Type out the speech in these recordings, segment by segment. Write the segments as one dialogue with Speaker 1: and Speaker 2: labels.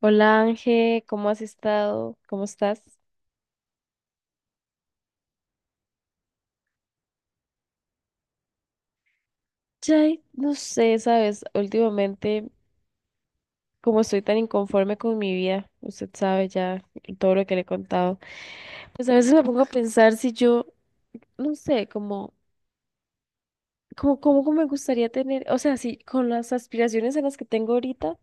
Speaker 1: Hola Ángel, ¿cómo has estado? ¿Cómo estás? Chay, no sé, sabes, últimamente como estoy tan inconforme con mi vida, usted sabe ya todo lo que le he contado, pues a veces me pongo a pensar si yo, no sé, cómo me gustaría tener, o sea, si con las aspiraciones en las que tengo ahorita,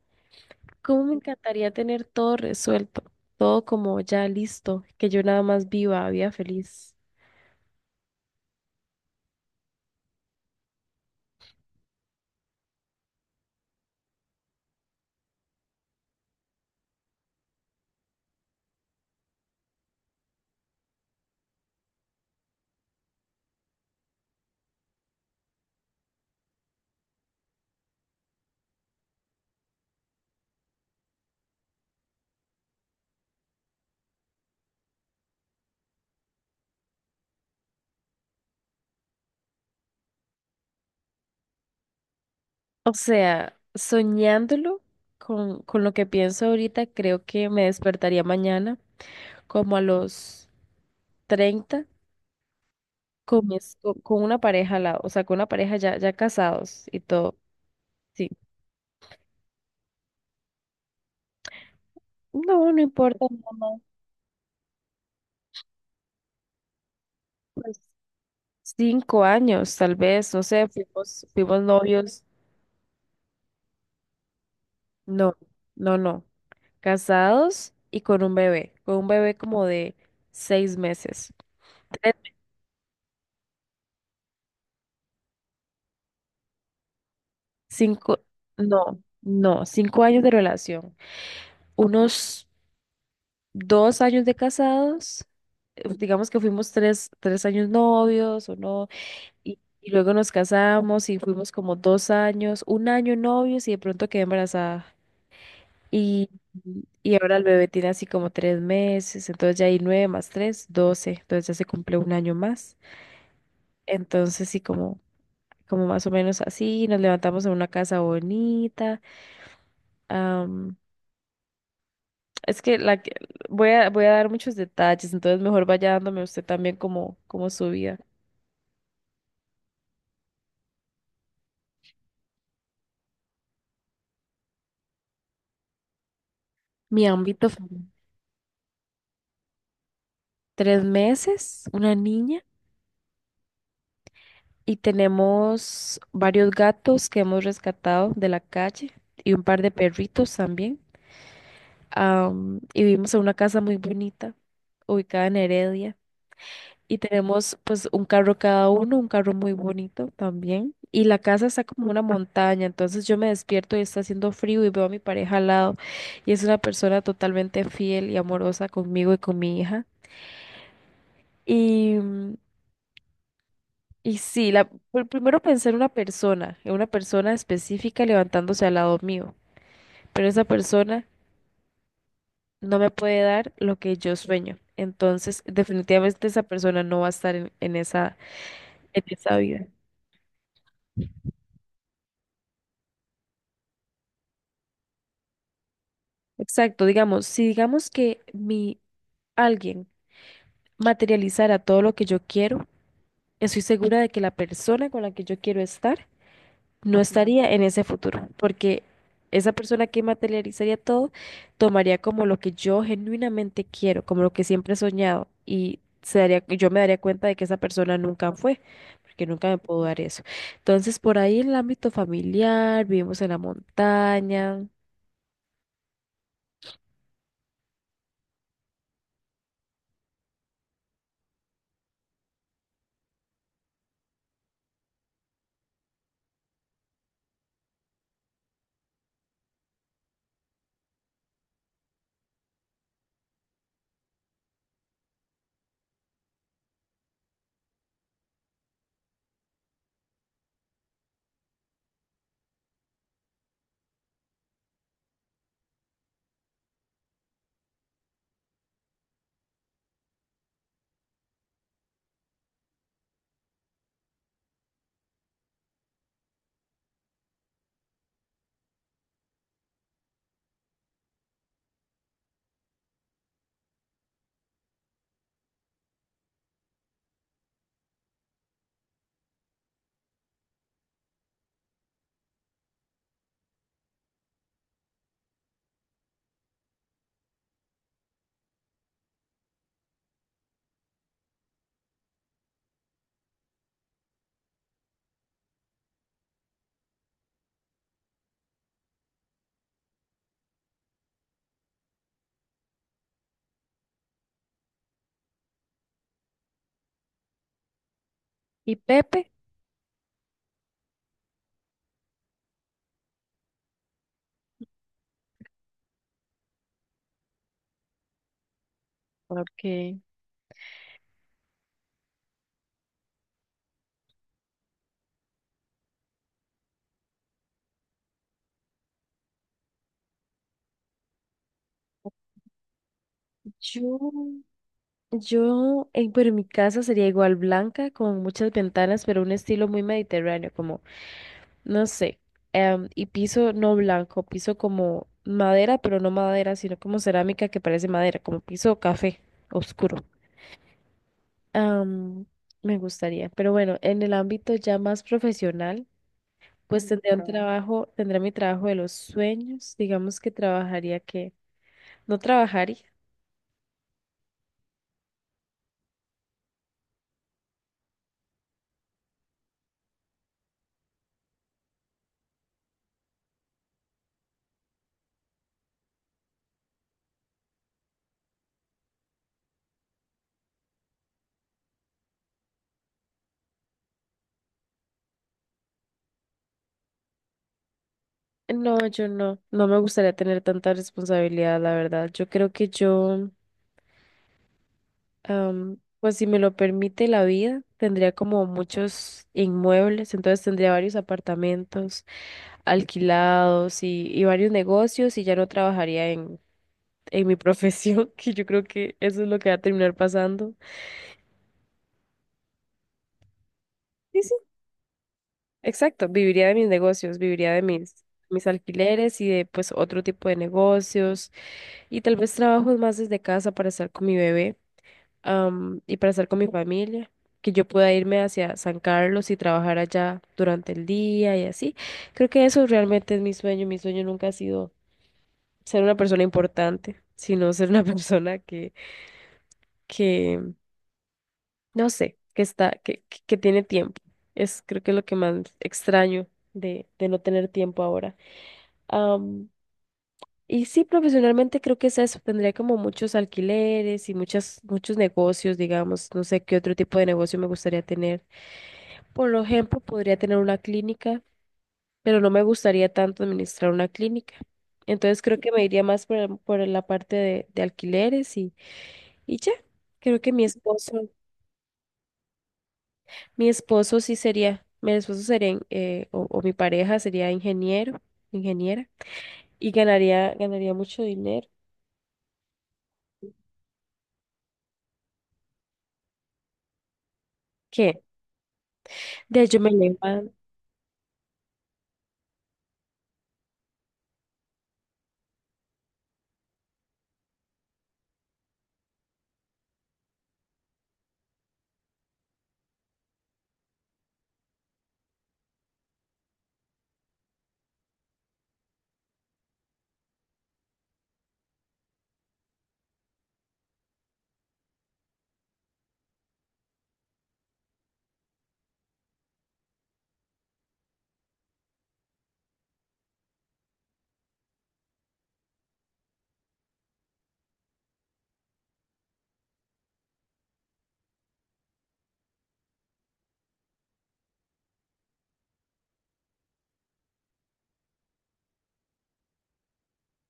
Speaker 1: cómo me encantaría tener todo resuelto, todo como ya listo, que yo nada más viva, vida feliz. O sea, soñándolo con lo que pienso ahorita, creo que me despertaría mañana como a los 30 con, mis- con una pareja al lado, o sea, con una pareja ya casados y todo. Sí. No, no importa, mamá. Pues 5 años, tal vez, no sé, fuimos novios. No, no, no. Casados y con un bebé como de 6 meses. Tres, cinco, no, no, cinco años de relación. Unos 2 años de casados. Pues, digamos que fuimos tres años novios o no, y luego nos casamos y fuimos como 2 años, un año novios y de pronto quedé embarazada. Y, y ahora el bebé tiene así como 3 meses, entonces ya hay 9 más 3, 12, entonces ya se cumple un año más. Entonces sí, como, como más o menos así, nos levantamos en una casa bonita. Es que la que voy a dar muchos detalles, entonces mejor vaya dándome usted también como, como su vida. Mi ámbito familiar. 3 meses, una niña. Y tenemos varios gatos que hemos rescatado de la calle y un par de perritos también. Y vivimos en una casa muy bonita, ubicada en Heredia. Y tenemos pues un carro cada uno, un carro muy bonito también. Y la casa está como una montaña, entonces yo me despierto y está haciendo frío y veo a mi pareja al lado. Y es una persona totalmente fiel y amorosa conmigo y con mi hija. Y, mm, y sí, la, primero pensé en una persona específica levantándose al lado mío. Pero esa persona no me puede dar lo que yo sueño. Entonces, definitivamente esa persona no va a estar en esa vida. Exacto, digamos, si digamos que mi alguien materializara todo lo que yo quiero, estoy segura de que la persona con la que yo quiero estar no estaría en ese futuro, porque esa persona que materializaría todo tomaría como lo que yo genuinamente quiero, como lo que siempre he soñado, y se daría, yo me daría cuenta de que esa persona nunca fue, porque nunca me pudo dar eso. Entonces, por ahí en el ámbito familiar, vivimos en la montaña, y Pepe. Ok. Yo Yo, pero mi casa sería igual blanca, con muchas ventanas, pero un estilo muy mediterráneo, como, no sé, y piso no blanco, piso como madera, pero no madera, sino como cerámica que parece madera, como piso café oscuro. Am, Me gustaría, pero bueno, en el ámbito ya más profesional, pues tendría un Ujú. Trabajo, tendría mi trabajo de los sueños, digamos que trabajaría que, no trabajaría. No, yo no, no me gustaría tener tanta responsabilidad, la verdad. Yo creo que yo, pues si me lo permite la vida, tendría como muchos inmuebles, entonces tendría varios apartamentos alquilados y varios negocios y ya no trabajaría en mi profesión, que yo creo que eso es lo que va a terminar pasando. Sí, sí, exacto, viviría de mis negocios, viviría de mis, mis alquileres y de pues otro tipo de negocios y tal vez trabajos más desde casa para estar con mi bebé. Y para estar con mi familia, que yo pueda irme hacia San Carlos y trabajar allá durante el día y así. Creo que eso realmente es mi sueño. Mi sueño nunca ha sido ser una persona importante, sino ser una persona que, no sé, que está, que, que tiene tiempo. Es creo que es lo que más extraño de no tener tiempo ahora. Am, y sí, profesionalmente creo que es eso. Tendría como muchos alquileres y muchos negocios, digamos. No sé qué otro tipo de negocio me gustaría tener. Por ejemplo, podría tener una clínica, pero no me gustaría tanto administrar una clínica. Entonces creo que me iría más por la parte de alquileres y ya. Creo que mi esposo sí sería, mi esposo sería, o mi pareja sería ingeniero, ingeniera, y ganaría mucho dinero. ¿Qué? De ahí yo me levanto.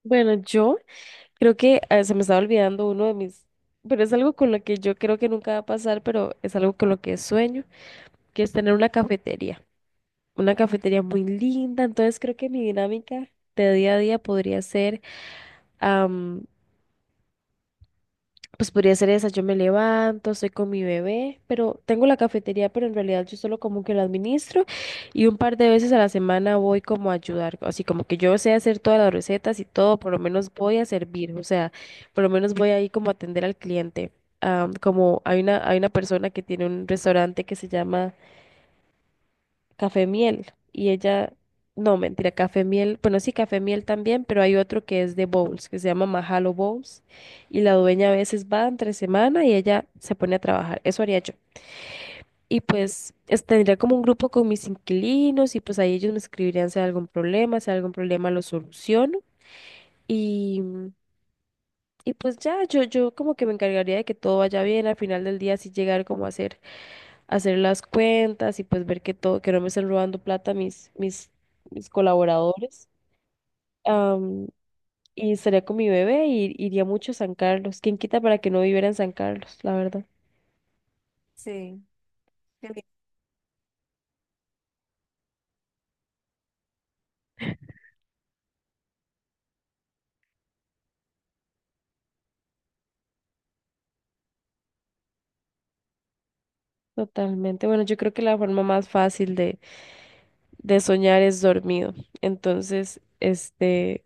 Speaker 1: Bueno, yo creo que se me estaba olvidando uno de mis, pero es algo con lo que yo creo que nunca va a pasar, pero es algo con lo que sueño, que es tener una cafetería. Una cafetería muy linda, entonces creo que mi dinámica de día a día podría ser, am, pues podría ser esa, yo me levanto, estoy con mi bebé, pero tengo la cafetería, pero en realidad yo solo como que la administro y un par de veces a la semana voy como a ayudar, así como que yo sé hacer todas las recetas y todo, por lo menos voy a servir, o sea, por lo menos voy ahí como a atender al cliente. Como hay una persona que tiene un restaurante que se llama Café Miel. Y ella, no, mentira, Café Miel. Bueno, sí, Café Miel también, pero hay otro que es de bowls, que se llama Mahalo Bowls. Y la dueña a veces va entre semana y ella se pone a trabajar. Eso haría yo. Y pues es- tendría como un grupo con mis inquilinos y pues ahí ellos me escribirían si hay algún problema, si hay algún problema lo soluciono. Y, y pues ya, yo como que me encargaría de que todo vaya bien. Al final del día sí llegar como a hacer las cuentas y pues ver que todo, que no me estén robando plata mis colaboradores. Am, y estaría con mi bebé y iría mucho a San Carlos. ¿Quién quita para que no viviera en San Carlos? La verdad. Sí, qué lindo. Totalmente. Bueno, yo creo que la forma más fácil de soñar es dormido. Entonces, este,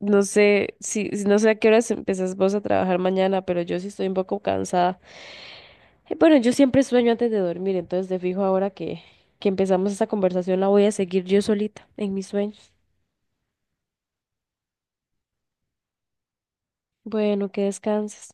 Speaker 1: no sé no sé a qué horas empezás vos a trabajar mañana, pero yo sí estoy un poco cansada. Bueno, yo siempre sueño antes de dormir, entonces de fijo ahora que empezamos esta conversación la voy a seguir yo solita en mis sueños. Bueno, que descanses.